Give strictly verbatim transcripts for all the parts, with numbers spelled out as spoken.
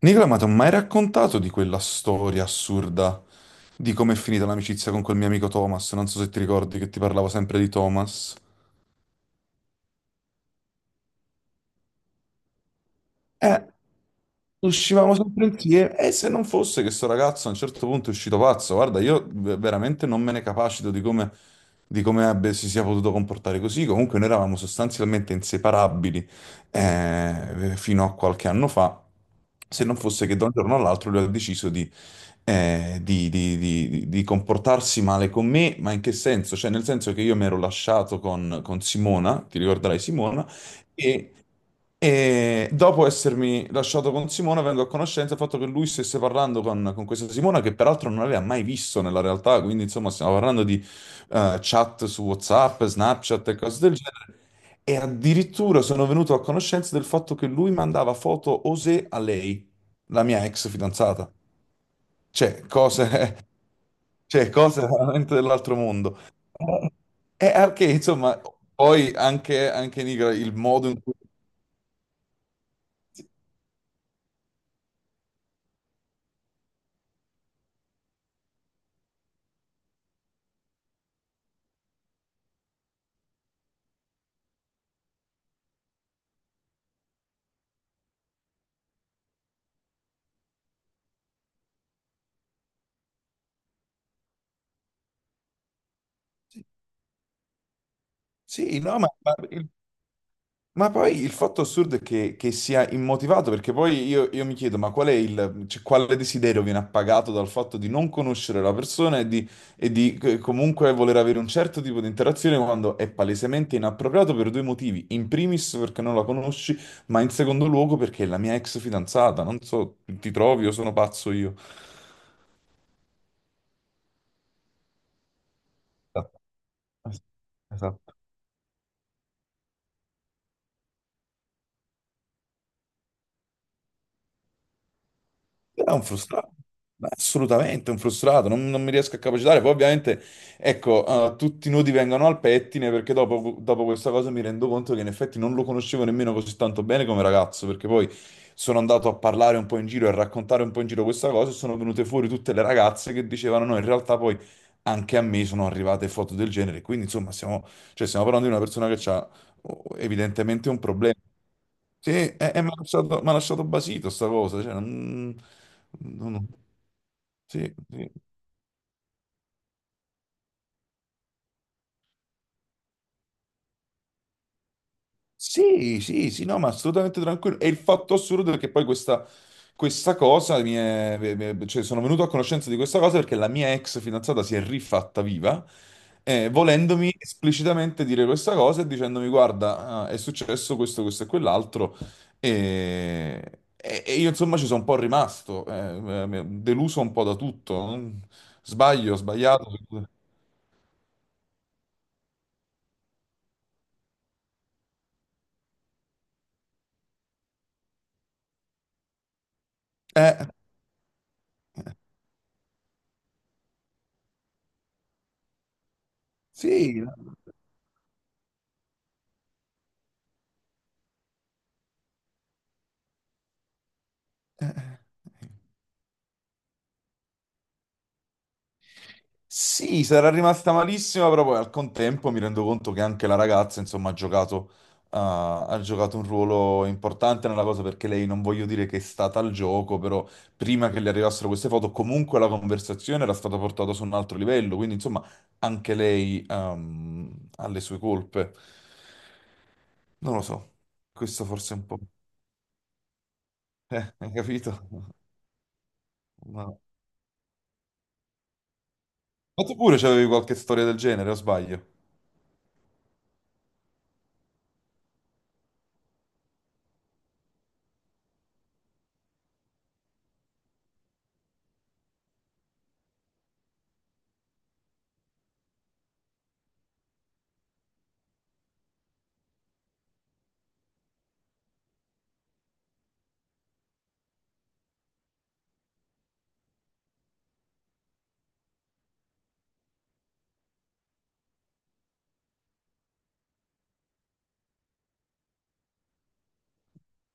Nicola, ma ti ho mai raccontato di quella storia assurda di come è finita l'amicizia con quel mio amico Thomas? Non so se ti ricordi che ti parlavo sempre di Thomas. Eh, Uscivamo sempre insieme e se non fosse che sto ragazzo a un certo punto è uscito pazzo, guarda, io v- veramente non me ne capacito di come di come abbia- si sia potuto comportare così. Comunque noi eravamo sostanzialmente inseparabili eh, fino a qualche anno fa, se non fosse che da un giorno all'altro lui ha deciso di, eh, di- di- di- di- di comportarsi male con me, ma in che senso? Cioè nel senso che io mi ero lasciato con, con Simona, ti ricorderai Simona, e... E dopo essermi lasciato con Simona, vengo a conoscenza del fatto che lui stesse parlando con, con questa Simona, che peraltro non aveva mai visto nella realtà, quindi insomma stiamo parlando di eh, chat su WhatsApp, Snapchat e cose del genere. E addirittura sono venuto a conoscenza del fatto che lui mandava foto osè a lei, la mia ex fidanzata. Cioè, cose, cioè, cose veramente dell'altro mondo. Eh, E perché, insomma, poi anche, anche in Igra- il modo in cui... Sì, no, ma ma il Ma poi il fatto assurdo è che, che sia immotivato, perché poi io, io mi chiedo, ma qual è il, cioè, quale desiderio viene appagato dal fatto di non conoscere la persona e di, e di, eh, comunque voler avere un certo tipo di interazione quando è palesemente inappropriato per due motivi. In primis perché non la conosci, ma in secondo luogo perché è la mia ex fidanzata. Non so, ti trovi o sono pazzo io? Esatto. Esatto. È un frustrato, ma assolutamente un frustrato, non, non mi riesco a capacitare. Poi ovviamente, ecco, eh, tutti i nodi vengono al pettine perché dopo, dopo questa cosa mi rendo conto che in effetti non lo conoscevo nemmeno così tanto bene come ragazzo, perché poi sono andato a parlare un po' in giro e a raccontare un po' in giro questa cosa e sono venute fuori tutte le ragazze che dicevano no, in realtà poi anche a me sono arrivate foto del genere. Quindi insomma, stiamo, cioè, stiamo parlando di una persona che ha evidentemente un problema. Sì, e, e mi ha lasciato, mi ha lasciato basito sta cosa, cioè, non- non- sì, sì. Sì, sì, sì, no, ma assolutamente tranquillo. E il fatto assurdo è che poi questa, questa cosa mi è, mi è- cioè sono venuto a conoscenza di questa cosa perché la mia ex fidanzata si è rifatta viva, eh, volendomi esplicitamente dire questa cosa e dicendomi: Guarda, ah, è successo questo, questo e quell'altro. E, e- e io insomma ci sono un po' rimasto, eh, eh, deluso un po' da tutto. Sbaglio, sbagliato. Eh, sì. eh. eh, Sì, sarà rimasta malissima, però poi al contempo mi rendo conto che anche la ragazza, insomma, ha giocato, ah, ha giocato un ruolo importante nella cosa perché lei, non voglio dire che è stata al gioco, però prima che le arrivassero queste foto, comunque la conversazione era stata portata su un altro livello, quindi insomma anche lei, ehm, ha le sue colpe. Non lo so, questo forse è un po'... Eh, hai capito? Ma... ma Tu pure c'avevi qualche storia del genere, o sbaglio?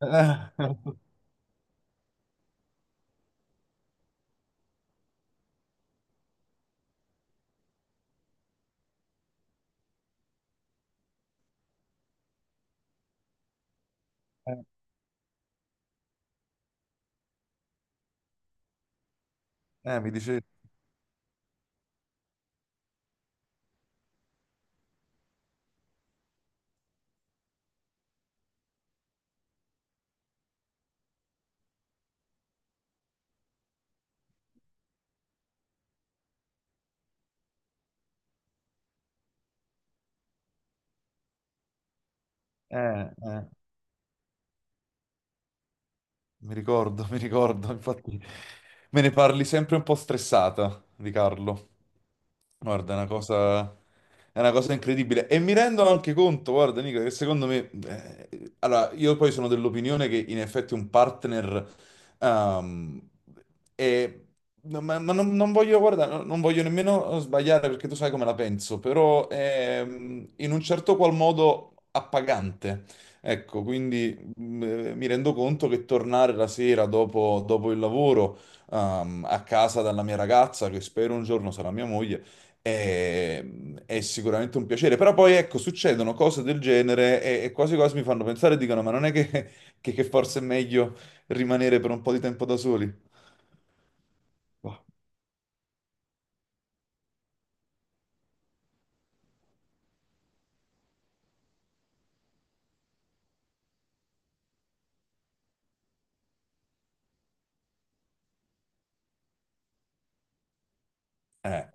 Eh, eh, mi dicevi... Eh, eh, mi ricordo, mi ricordo, infatti me ne parli sempre un po' stressata di Carlo. Guarda, è una cosa, è una cosa incredibile. E mi rendono anche conto, guarda, Nicola, che secondo me... eh, allora, io poi sono dell'opinione che in effetti un partner... ehm, è- no, ma ma non, non voglio, guarda, no- non voglio nemmeno sbagliare perché tu sai come la penso, però è, mm, in un certo qual modo appagante. Ecco, quindi m- mi rendo conto che tornare la sera dopo, dopo il lavoro, ehm, a casa dalla mia ragazza, che spero un giorno sarà mia moglie, è, è sicuramente un piacere. Però poi, ecco, succedono cose del genere e, e quasi quasi mi fanno pensare e dicono, ma non è che, che- che forse è meglio rimanere per un po' di tempo da soli? Boh, eh.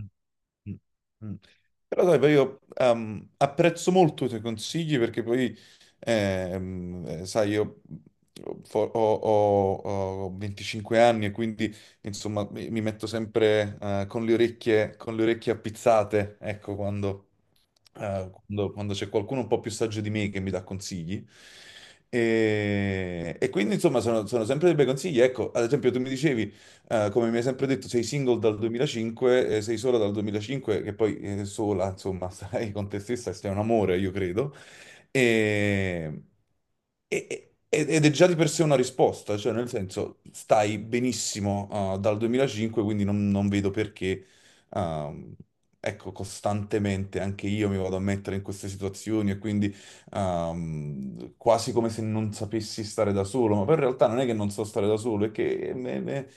Mm, mm, mm. Però sai, poi io ehm, apprezzo molto i tuoi consigli perché poi, ehm, eh, sai, io fo- ho, ho- ho venticinque anni e quindi, insomma, mi, mi metto sempre eh, con le orecchie, con le orecchie appizzate, ecco, quando, eh, quando- quando c'è qualcuno un po' più saggio di me che mi dà consigli. E, e quindi, insomma, sono, sono sempre dei bei consigli. Ecco, ad esempio, tu mi dicevi eh, come mi hai sempre detto, sei single dal duemilacinque, eh, sei sola dal duemilacinque, che poi eh, sola, insomma, stai con te stessa, e sei un amore, io credo. E- e- e- Ed è già di per sé una risposta, cioè nel senso stai benissimo eh, dal duemilacinque, quindi non, non vedo perché, ehm, ecco, costantemente anche io mi vado a mettere in queste situazioni e quindi ehm, quasi come se non sapessi stare da solo, ma poi in realtà non è che non so stare da solo, è che me- me-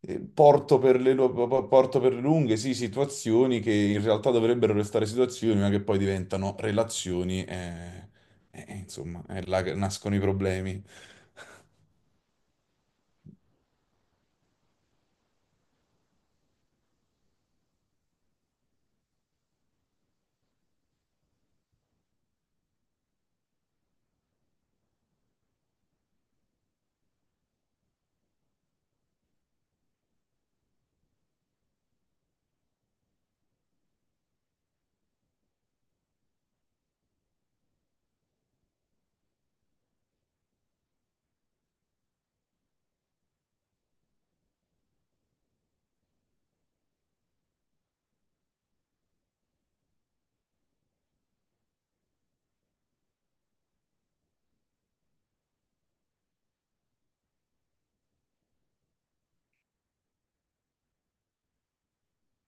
eh, porto per le, lu- po- po- porto per le lunghe, sì, situazioni che in realtà dovrebbero restare situazioni, ma che poi diventano relazioni, eh, e, insomma, è là che nascono i problemi.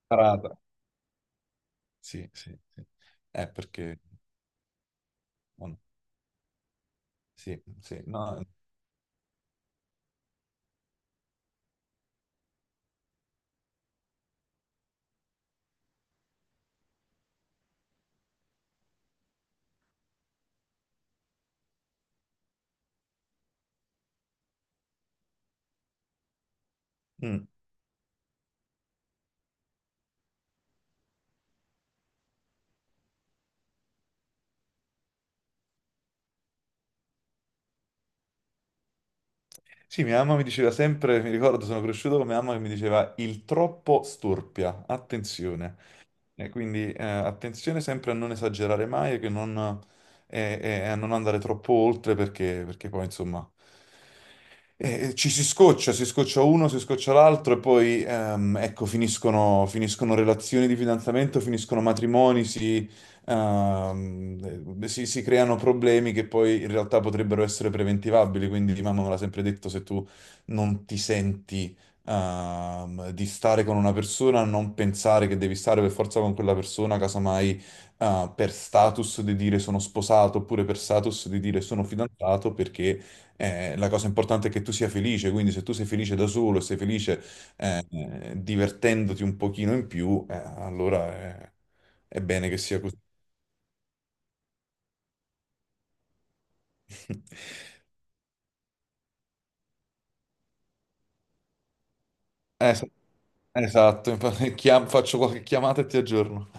Parata. Sì, sì, sì. Eh, perché... oh, sì, sì, no. Mm. Sì, mia mamma mi diceva sempre, mi ricordo, sono cresciuto con mia mamma che mi diceva il troppo storpia, attenzione. E quindi eh, attenzione sempre a non esagerare mai e, che non- e- e- e a non andare troppo oltre perché, perché poi insomma eh, eh, ci si scoccia, si scoccia uno, si scoccia l'altro e poi ehm, ecco finiscono, finiscono relazioni di fidanzamento, finiscono matrimoni, si, ehm, eh, si- si creano problemi che poi in realtà potrebbero essere preventivabili, quindi mamma me l'ha sempre detto se tu non ti senti ehm, di stare con una persona, non pensare che devi stare per forza con quella persona, casomai eh, per status di dire sono sposato oppure per status di dire sono fidanzato, perché eh, la cosa importante è che tu sia felice, quindi se tu sei felice da solo e sei felice eh, divertendoti un pochino in più, eh, allora è, è bene che sia così. Es- Esatto, infatti, chiam- faccio qualche chiamata e ti aggiorno.